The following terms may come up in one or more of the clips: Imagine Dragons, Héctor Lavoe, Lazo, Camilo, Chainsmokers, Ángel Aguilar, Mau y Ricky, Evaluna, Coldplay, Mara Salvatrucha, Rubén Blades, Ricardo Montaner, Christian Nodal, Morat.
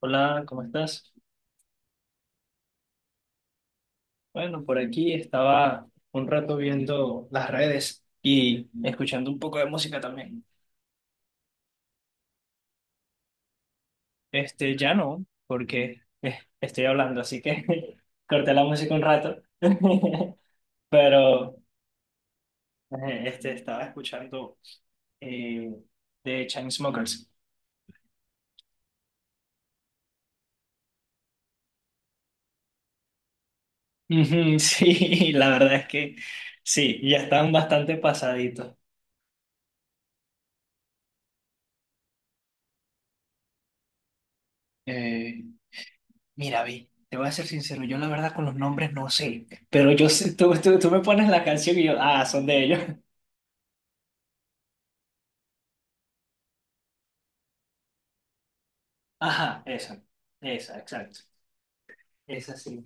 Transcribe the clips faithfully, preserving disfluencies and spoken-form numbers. Hola, ¿cómo estás? Bueno, por aquí estaba un rato viendo las redes y escuchando un poco de música también. Este, ya no, porque eh, estoy hablando, así que corté la música un rato. Pero eh, este, estaba escuchando eh, de Chainsmokers. Ujú, sí, la verdad es que sí, ya están bastante pasaditos. Eh, Mira, vi, te voy a ser sincero, yo la verdad con los nombres no sé, pero yo sé, tú, tú, tú me pones la canción y yo, ah, son de ellos. Ajá, esa, esa, exacto. Esa sí.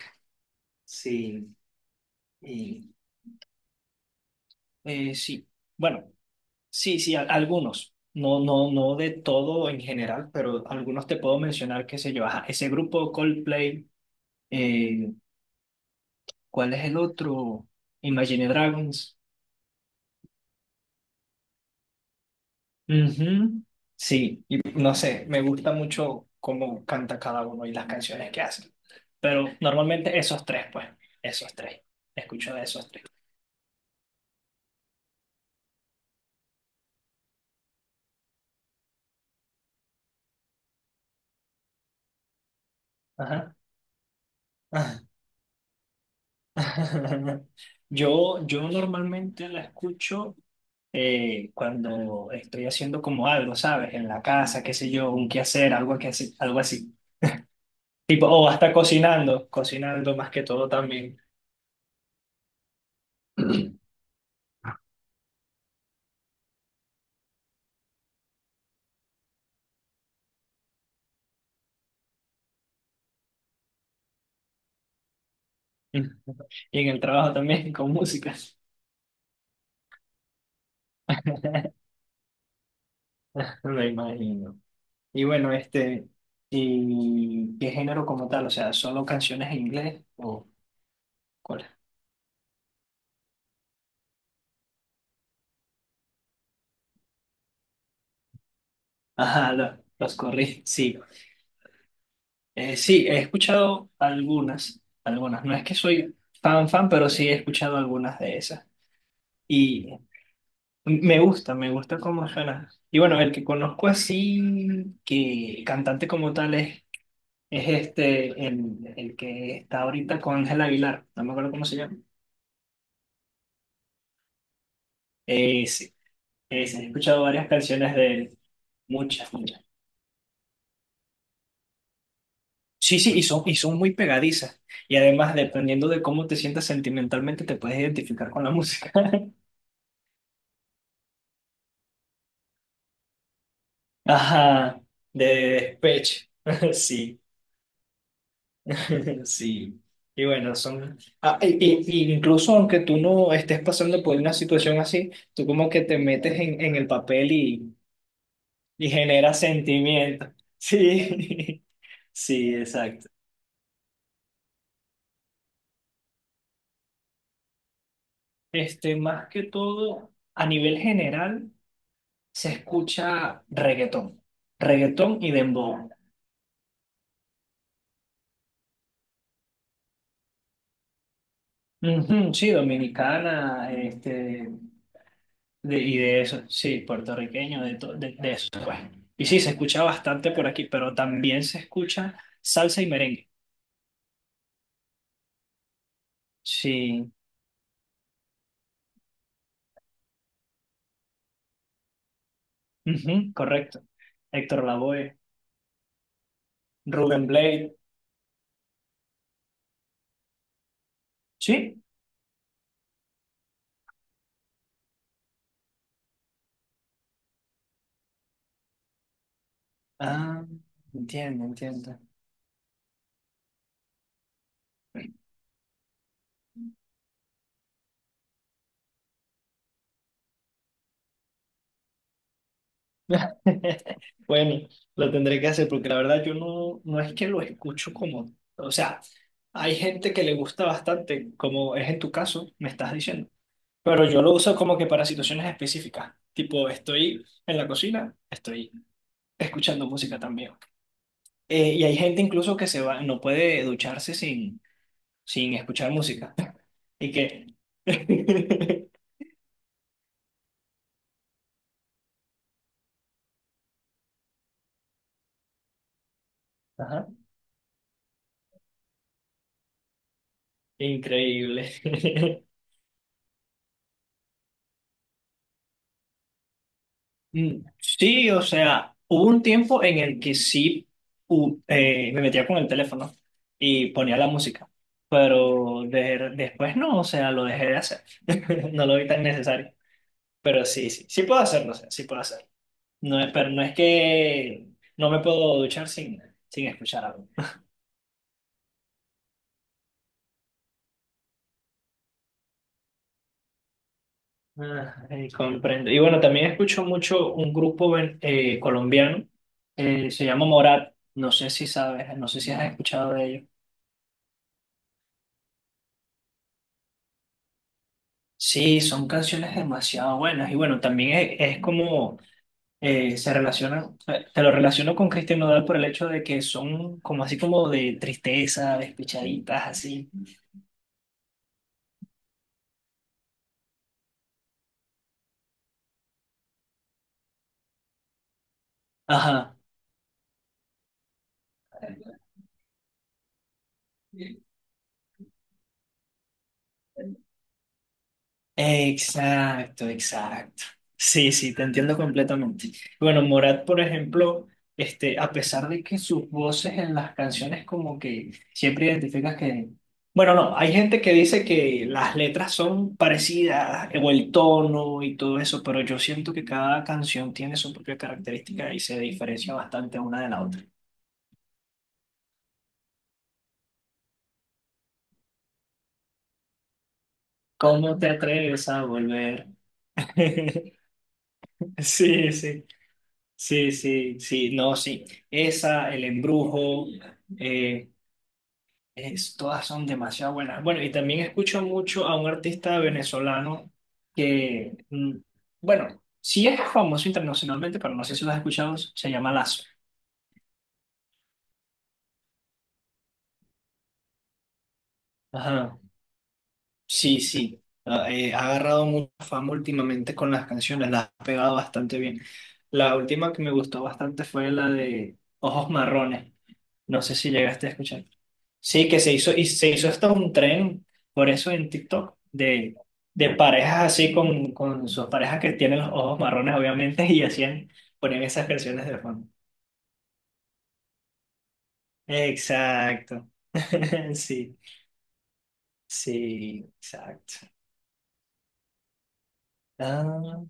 Sí, y, eh, sí. Bueno, sí, sí, a- algunos. No, no, no de todo en general, pero algunos te puedo mencionar, qué sé yo. Ajá, ese grupo Coldplay, eh, ¿cuál es el otro? Imagine Dragons. Ujú. Sí, y no sé, me gusta mucho cómo canta cada uno y las canciones que hacen. Pero normalmente esos tres, pues, esos tres. Escucho de esos tres. Ajá. Yo, yo normalmente la escucho eh, cuando estoy haciendo como algo, ¿sabes? En la casa, qué sé yo, un quehacer, algo que así, algo así. Tipo, o hasta cocinando, cocinando más que todo también. Y en el trabajo también con música. Me imagino. Y bueno, este, ¿y qué género como tal? O sea, ¿solo canciones en inglés o cuál? Ajá, lo- los corrí, sí. Eh, sí, he escuchado algunas, algunas. No es que soy fan fan, pero sí he escuchado algunas de esas. Y me gusta, me gusta cómo suena. Y bueno, el que conozco así, que cantante como tal es, es este, el, el que está ahorita con Ángel Aguilar. No me acuerdo cómo se llama. Eh, sí, eh, sí, he escuchado varias canciones de él. Muchas, muchas. Sí, sí, y son, y son muy pegadizas. Y además, dependiendo de cómo te sientas sentimentalmente, te puedes identificar con la música. Ajá, de despecho. Sí, sí. Y bueno, son... ah, y, y- y incluso aunque tú no estés pasando por una situación así, tú como que te metes en, en el papel y, y generas sentimientos. Sí, sí, exacto. Este, más que todo, a nivel general, se escucha reggaetón, reggaetón y dembow. Ujú, sí, dominicana, este, de, y de eso, sí, puertorriqueño, de, to- de, de eso, pues. Y sí, se escucha bastante por aquí, pero también se escucha salsa y merengue. Sí, ujú, correcto. Héctor Lavoe, Rubén Blade, sí. Ah, entiendo, entiendo. Bueno, lo tendré que hacer porque la verdad yo no, no es que lo escucho como, o sea, hay gente que le gusta bastante, como es en tu caso, me estás diciendo, pero yo lo uso como que para situaciones específicas, tipo estoy en la cocina, estoy escuchando música también. Eh, y hay gente incluso que se va, no puede ducharse sin, sin escuchar música. Y que... Ajá, increíble. Mm, sí, o sea, hubo un tiempo en el que sí u- eh, me metía con el teléfono y ponía la música, pero de- después no, o sea, lo dejé de hacer. No lo vi tan necesario, pero sí, sí, sí puedo hacerlo, o sea, sí puedo hacerlo. No es, pero no es que no me puedo duchar sin, sin escuchar algo. Ah, eh, comprendo. Y bueno, también escucho mucho un grupo ven- eh, colombiano, eh, se llama Morat, no sé si sabes, no sé si has escuchado de ellos. Sí, son canciones demasiado buenas y bueno, también es, es como eh, se relacionan, eh, te lo relaciono con Christian Nodal por el hecho de que son como así como de tristeza, despechaditas, así. Ajá. Exacto, exacto. Sí, sí, te entiendo completamente. Bueno, Morat, por ejemplo, este, a pesar de que sus voces en las canciones como que siempre identificas que... Bueno, no, hay gente que dice que las letras son parecidas, o el tono y todo eso, pero yo siento que cada canción tiene su propia característica y se diferencia bastante una de la otra. ¿Cómo te atreves a volver? Sí, sí. Sí, sí, sí, no, sí. Esa, el embrujo, eh, es- todas son demasiado buenas. Bueno, y también escucho mucho a un artista venezolano que, mm, bueno, sí es famoso internacionalmente, pero no sé si lo has escuchado, se llama Lazo. Ajá. Sí, sí. Ah, eh, ha agarrado mucha fama últimamente con las canciones, las ha pegado bastante bien. La última que me gustó bastante fue la de Ojos Marrones. No sé si llegaste a escuchar. Sí, que se hizo, y se hizo hasta un tren, por eso en tik tok, de, de parejas así con, con sus parejas que tienen los ojos marrones, obviamente, y hacían, ponían esas canciones de fondo. Exacto. Sí, sí, exacto. Ah,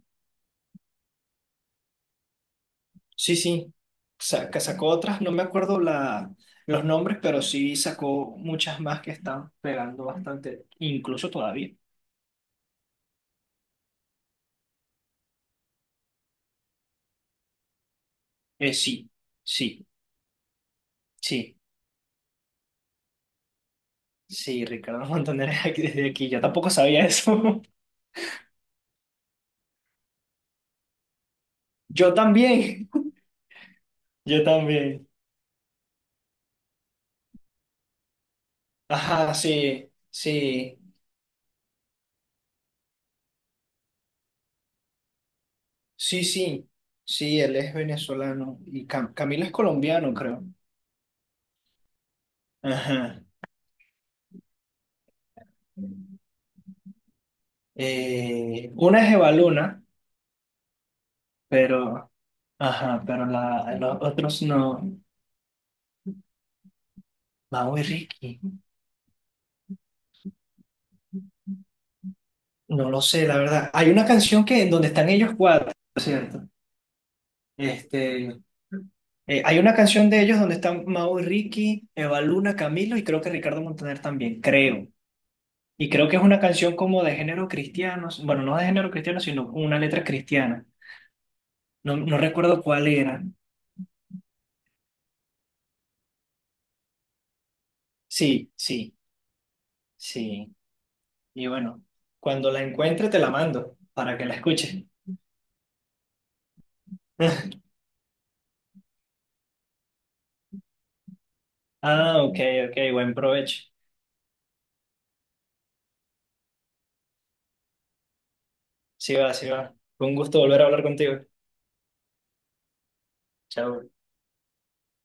sí, sí. Sa- que sacó otras, no me acuerdo la, los nombres, pero sí sacó muchas más que están pegando bastante, incluso todavía. Eh, sí, sí, sí. Sí, Ricardo Montaner es aquí- desde aquí. Yo tampoco sabía eso. Yo también. Yo también. Ajá, sí, sí, sí, sí. Sí, él es venezolano y Cam- Camilo es colombiano, creo. Ajá. Eh, una es Evaluna, pero, ajá, pero la, los otros no. Mau y Ricky. No lo sé, la verdad. Hay una canción que en donde están ellos cuatro, ¿cierto? Este, eh, hay una canción de ellos donde están Mau y Ricky, Eva Luna, Camilo y creo que Ricardo Montaner también, creo. Y creo que es una canción como de género cristiano, bueno, no de género cristiano, sino una letra cristiana. No, no recuerdo cuál era. Sí, sí, sí. Y bueno, cuando la encuentre te la mando para que la escuches. Ah, ok, ok, buen provecho. Sí va, sí va. Fue un gusto volver a hablar contigo. Chao.